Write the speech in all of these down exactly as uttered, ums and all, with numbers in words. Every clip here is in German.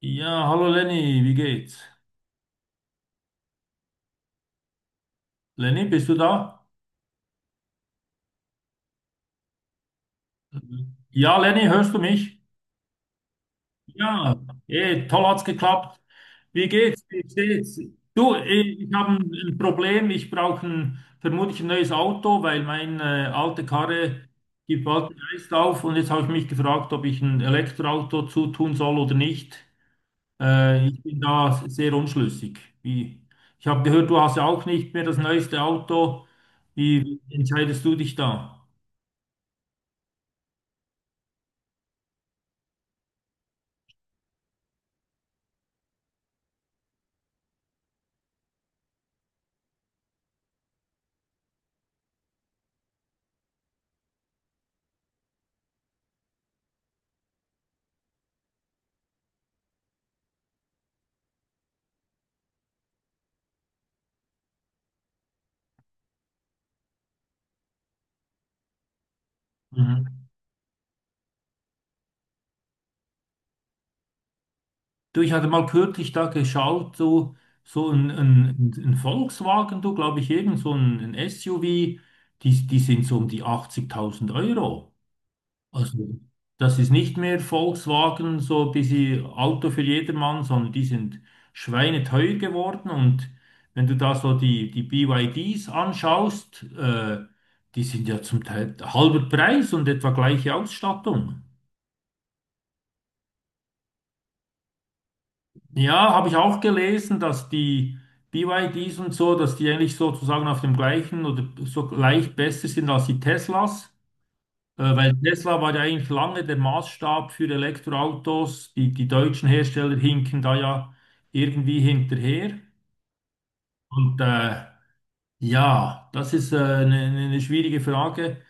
Ja, hallo Lenny, wie geht's? Lenny, bist du da? Mhm. Ja, Lenny, hörst du mich? Ja, eh, Toll hat's geklappt. Wie geht's? Wie steht's? Du, eh, ich habe ein ein Problem. Ich brauche vermutlich ein neues Auto, weil meine alte Karre gibt bald den Geist auf. Und jetzt habe ich mich gefragt, ob ich ein Elektroauto zutun soll oder nicht. Äh, ich bin da sehr unschlüssig. Wie, ich habe gehört, du hast ja auch nicht mehr das neueste Auto. Wie, wie entscheidest du dich da? Mhm. Du, ich hatte mal kürzlich da geschaut, so, so ein, ein, ein Volkswagen, du, glaube ich, irgend so ein, ein S U V, die, die sind so um die achtzigtausend Euro. Also das ist nicht mehr Volkswagen, so ein bisschen Auto für jedermann, sondern die sind schweineteuer geworden. Und wenn du da so die, die B Y Ds anschaust, äh, die sind ja zum Teil halber Preis und etwa gleiche Ausstattung. Ja, habe ich auch gelesen, dass die B Y Ds und so, dass die eigentlich sozusagen auf dem gleichen oder so gleich besser sind als die Teslas, äh, weil Tesla war ja eigentlich lange der Maßstab für Elektroautos. Die, die deutschen Hersteller hinken da ja irgendwie hinterher. Und äh, ja, das ist äh, eine, eine schwierige Frage.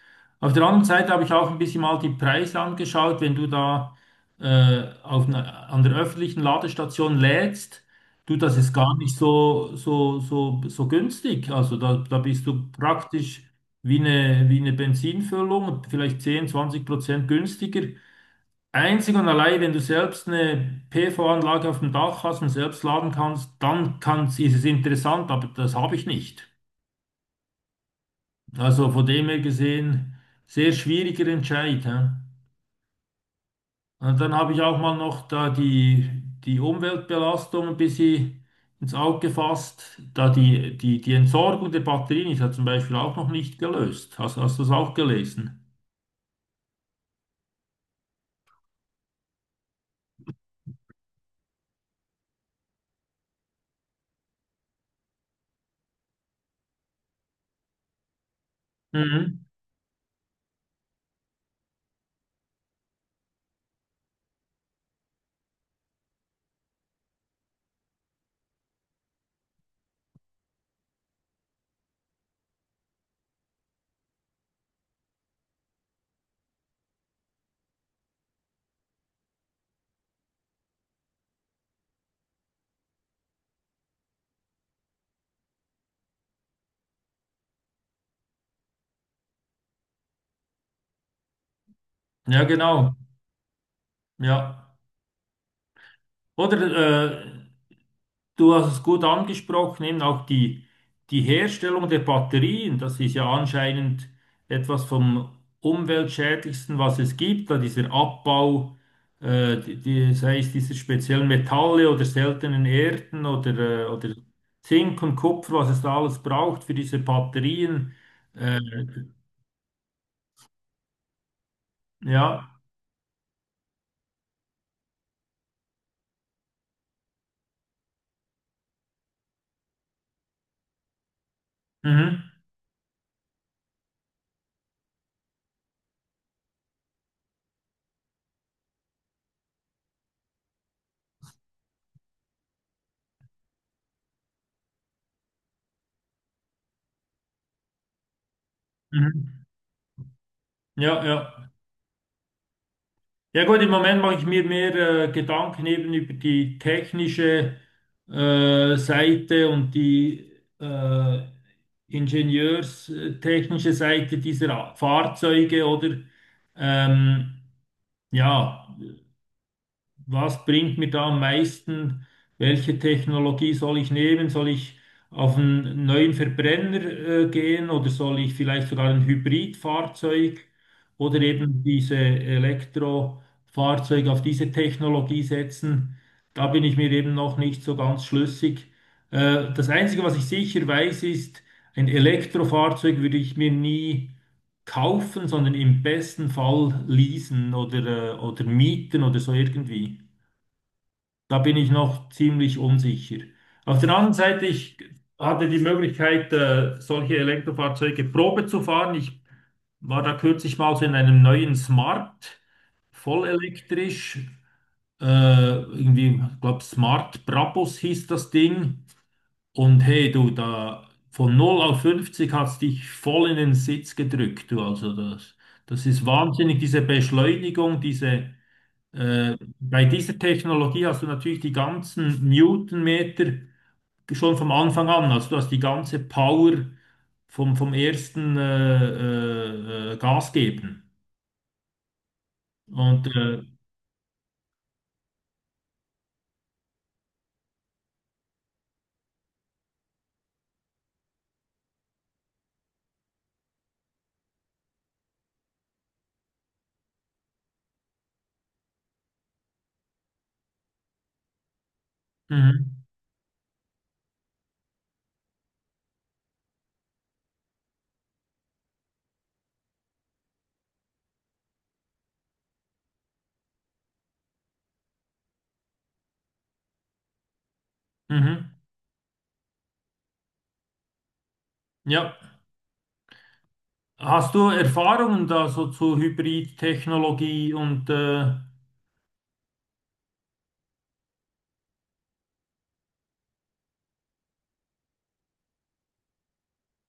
Auf der anderen Seite habe ich auch ein bisschen mal die Preise angeschaut. Wenn du da äh, auf einer, an der öffentlichen Ladestation lädst, du, das ist Mhm. gar nicht so, so, so, so günstig. Also da, da bist du praktisch wie eine, wie eine Benzinfüllung, vielleicht zehn zwanzig Prozent günstiger. Einzig und allein, wenn du selbst eine P V-Anlage auf dem Dach hast und selbst laden kannst, dann kann's, ist es interessant, aber das habe ich nicht. Also von dem her gesehen, sehr schwieriger Entscheid. Hä? Und dann habe ich auch mal noch da die, die Umweltbelastung ein bisschen ins Auge gefasst. Da die, die, die Entsorgung der Batterien ist ja zum Beispiel auch noch nicht gelöst. Hast, hast du das auch gelesen? Mhm. Ja, genau. Ja. Oder äh, du hast es gut angesprochen, eben auch die, die Herstellung der Batterien, das ist ja anscheinend etwas vom umweltschädlichsten, was es gibt, da dieser Abbau, äh, die, die, sei es dieser speziellen Metalle oder seltenen Erden oder, äh, oder Zink und Kupfer, was es da alles braucht für diese Batterien. Äh, ja, mhm, mhm, ja, ja. Ja gut, im Moment mache ich mir mehr äh, Gedanken eben über die technische äh, Seite und die äh, ingenieurstechnische Seite dieser A- Fahrzeuge oder ähm, ja, was bringt mir da am meisten, welche Technologie soll ich nehmen? Soll ich auf einen neuen Verbrenner äh, gehen oder soll ich vielleicht sogar ein Hybridfahrzeug oder eben diese Elektrofahrzeuge auf diese Technologie setzen? Da bin ich mir eben noch nicht so ganz schlüssig. Äh, das Einzige, was ich sicher weiß, ist, ein Elektrofahrzeug würde ich mir nie kaufen, sondern im besten Fall leasen oder, äh, oder mieten oder so irgendwie. Da bin ich noch ziemlich unsicher. Auf der anderen Seite, ich hatte die Möglichkeit, äh, solche Elektrofahrzeuge Probe zu fahren. Ich war da kürzlich mal so in einem neuen Smart, voll elektrisch. Äh, irgendwie, ich glaube, Smart Brabus hieß das Ding. Und hey, du, da von null auf fünfzig hat's dich voll in den Sitz gedrückt, du. Also das, das ist wahnsinnig, diese Beschleunigung, diese. Äh, bei dieser Technologie hast du natürlich die ganzen Newtonmeter schon vom Anfang an. Also du hast die ganze Power vom, vom ersten äh, äh, äh, Gas geben. Und äh, mhm, mhm, ja. Hast du Erfahrungen da so zu Hybridtechnologie und äh,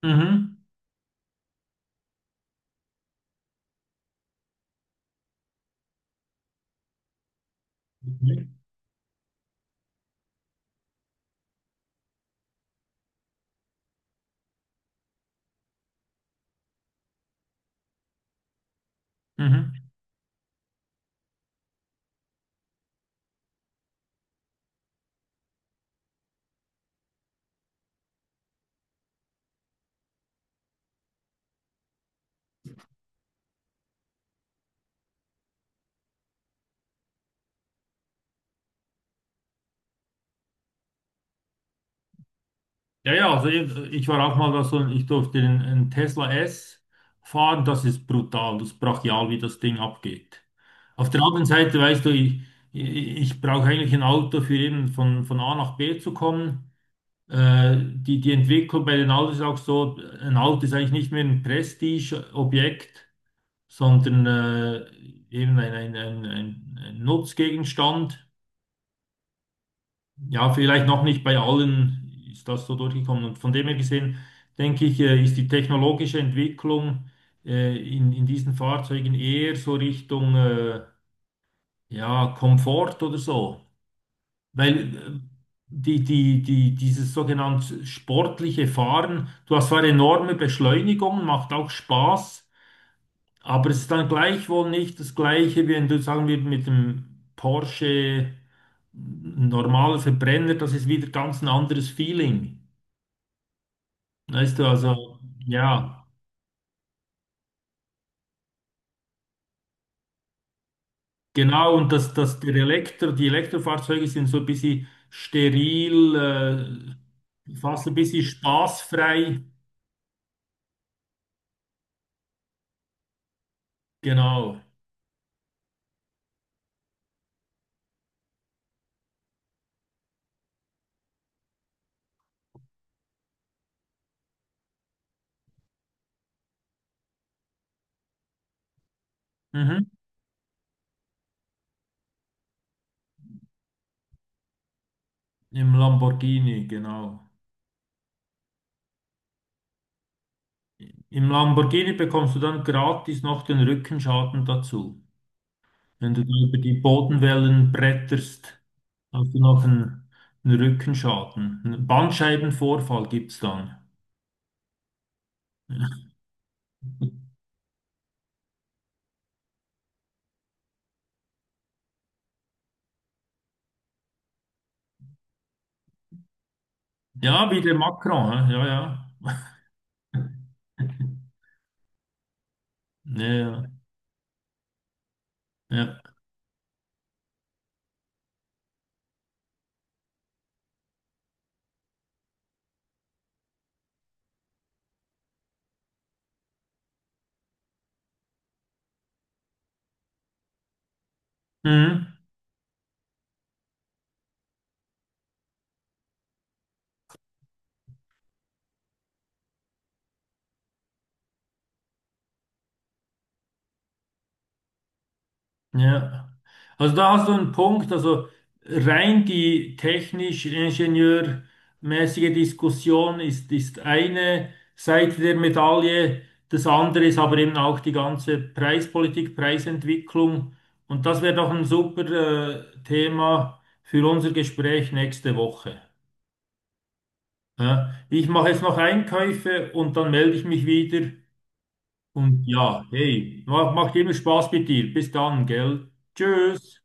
mhm, mhm. Ja, ja, also ich, ich war auch mal da so, ich durfte einen, einen Tesla S fahren, das ist brutal, das ist brachial, wie das Ding abgeht. Auf der anderen Seite, weißt du, ich, ich, ich brauche eigentlich ein Auto für eben von, von A nach B zu kommen. Äh, die, die Entwicklung bei den Autos ist auch so, ein Auto ist eigentlich nicht mehr ein Prestige-Objekt, sondern äh, eben ein, ein, ein, ein, ein Nutzgegenstand. Ja, vielleicht noch nicht bei allen ist das so durchgekommen. Und von dem her gesehen, denke ich, äh, ist die technologische Entwicklung äh, in, in diesen Fahrzeugen eher so Richtung äh, ja, Komfort oder so. Weil äh, die, die, die, dieses sogenannte sportliche Fahren, du hast zwar enorme Beschleunigungen, macht auch Spaß, aber es ist dann gleichwohl nicht das Gleiche, wie wenn du, sagen wir, mit dem Porsche, normaler Verbrenner, das ist wieder ganz ein anderes Feeling. Weißt du, also ja, genau, und das, das der Elektro, die Elektrofahrzeuge sind so ein bisschen steril, äh, fast ein bisschen spaßfrei. Genau. Mhm. Im Lamborghini, genau. Im Lamborghini bekommst du dann gratis noch den Rückenschaden dazu. Wenn du da über die Bodenwellen bretterst, hast du noch einen, einen Rückenschaden. Einen Bandscheibenvorfall gibt es dann. Ja, wie der Macron, hä? Ja, ja. Ja, ja. Ja. Mhm. Ja, also da hast du einen Punkt, also rein die technisch-ingenieurmäßige Diskussion ist, ist eine Seite der Medaille, das andere ist aber eben auch die ganze Preispolitik, Preisentwicklung, und das wäre doch ein super äh, Thema für unser Gespräch nächste Woche. Ja, ich mache jetzt noch Einkäufe und dann melde ich mich wieder und ja, hey, macht, macht immer Spaß mit dir. Bis dann, gell? Tschüss.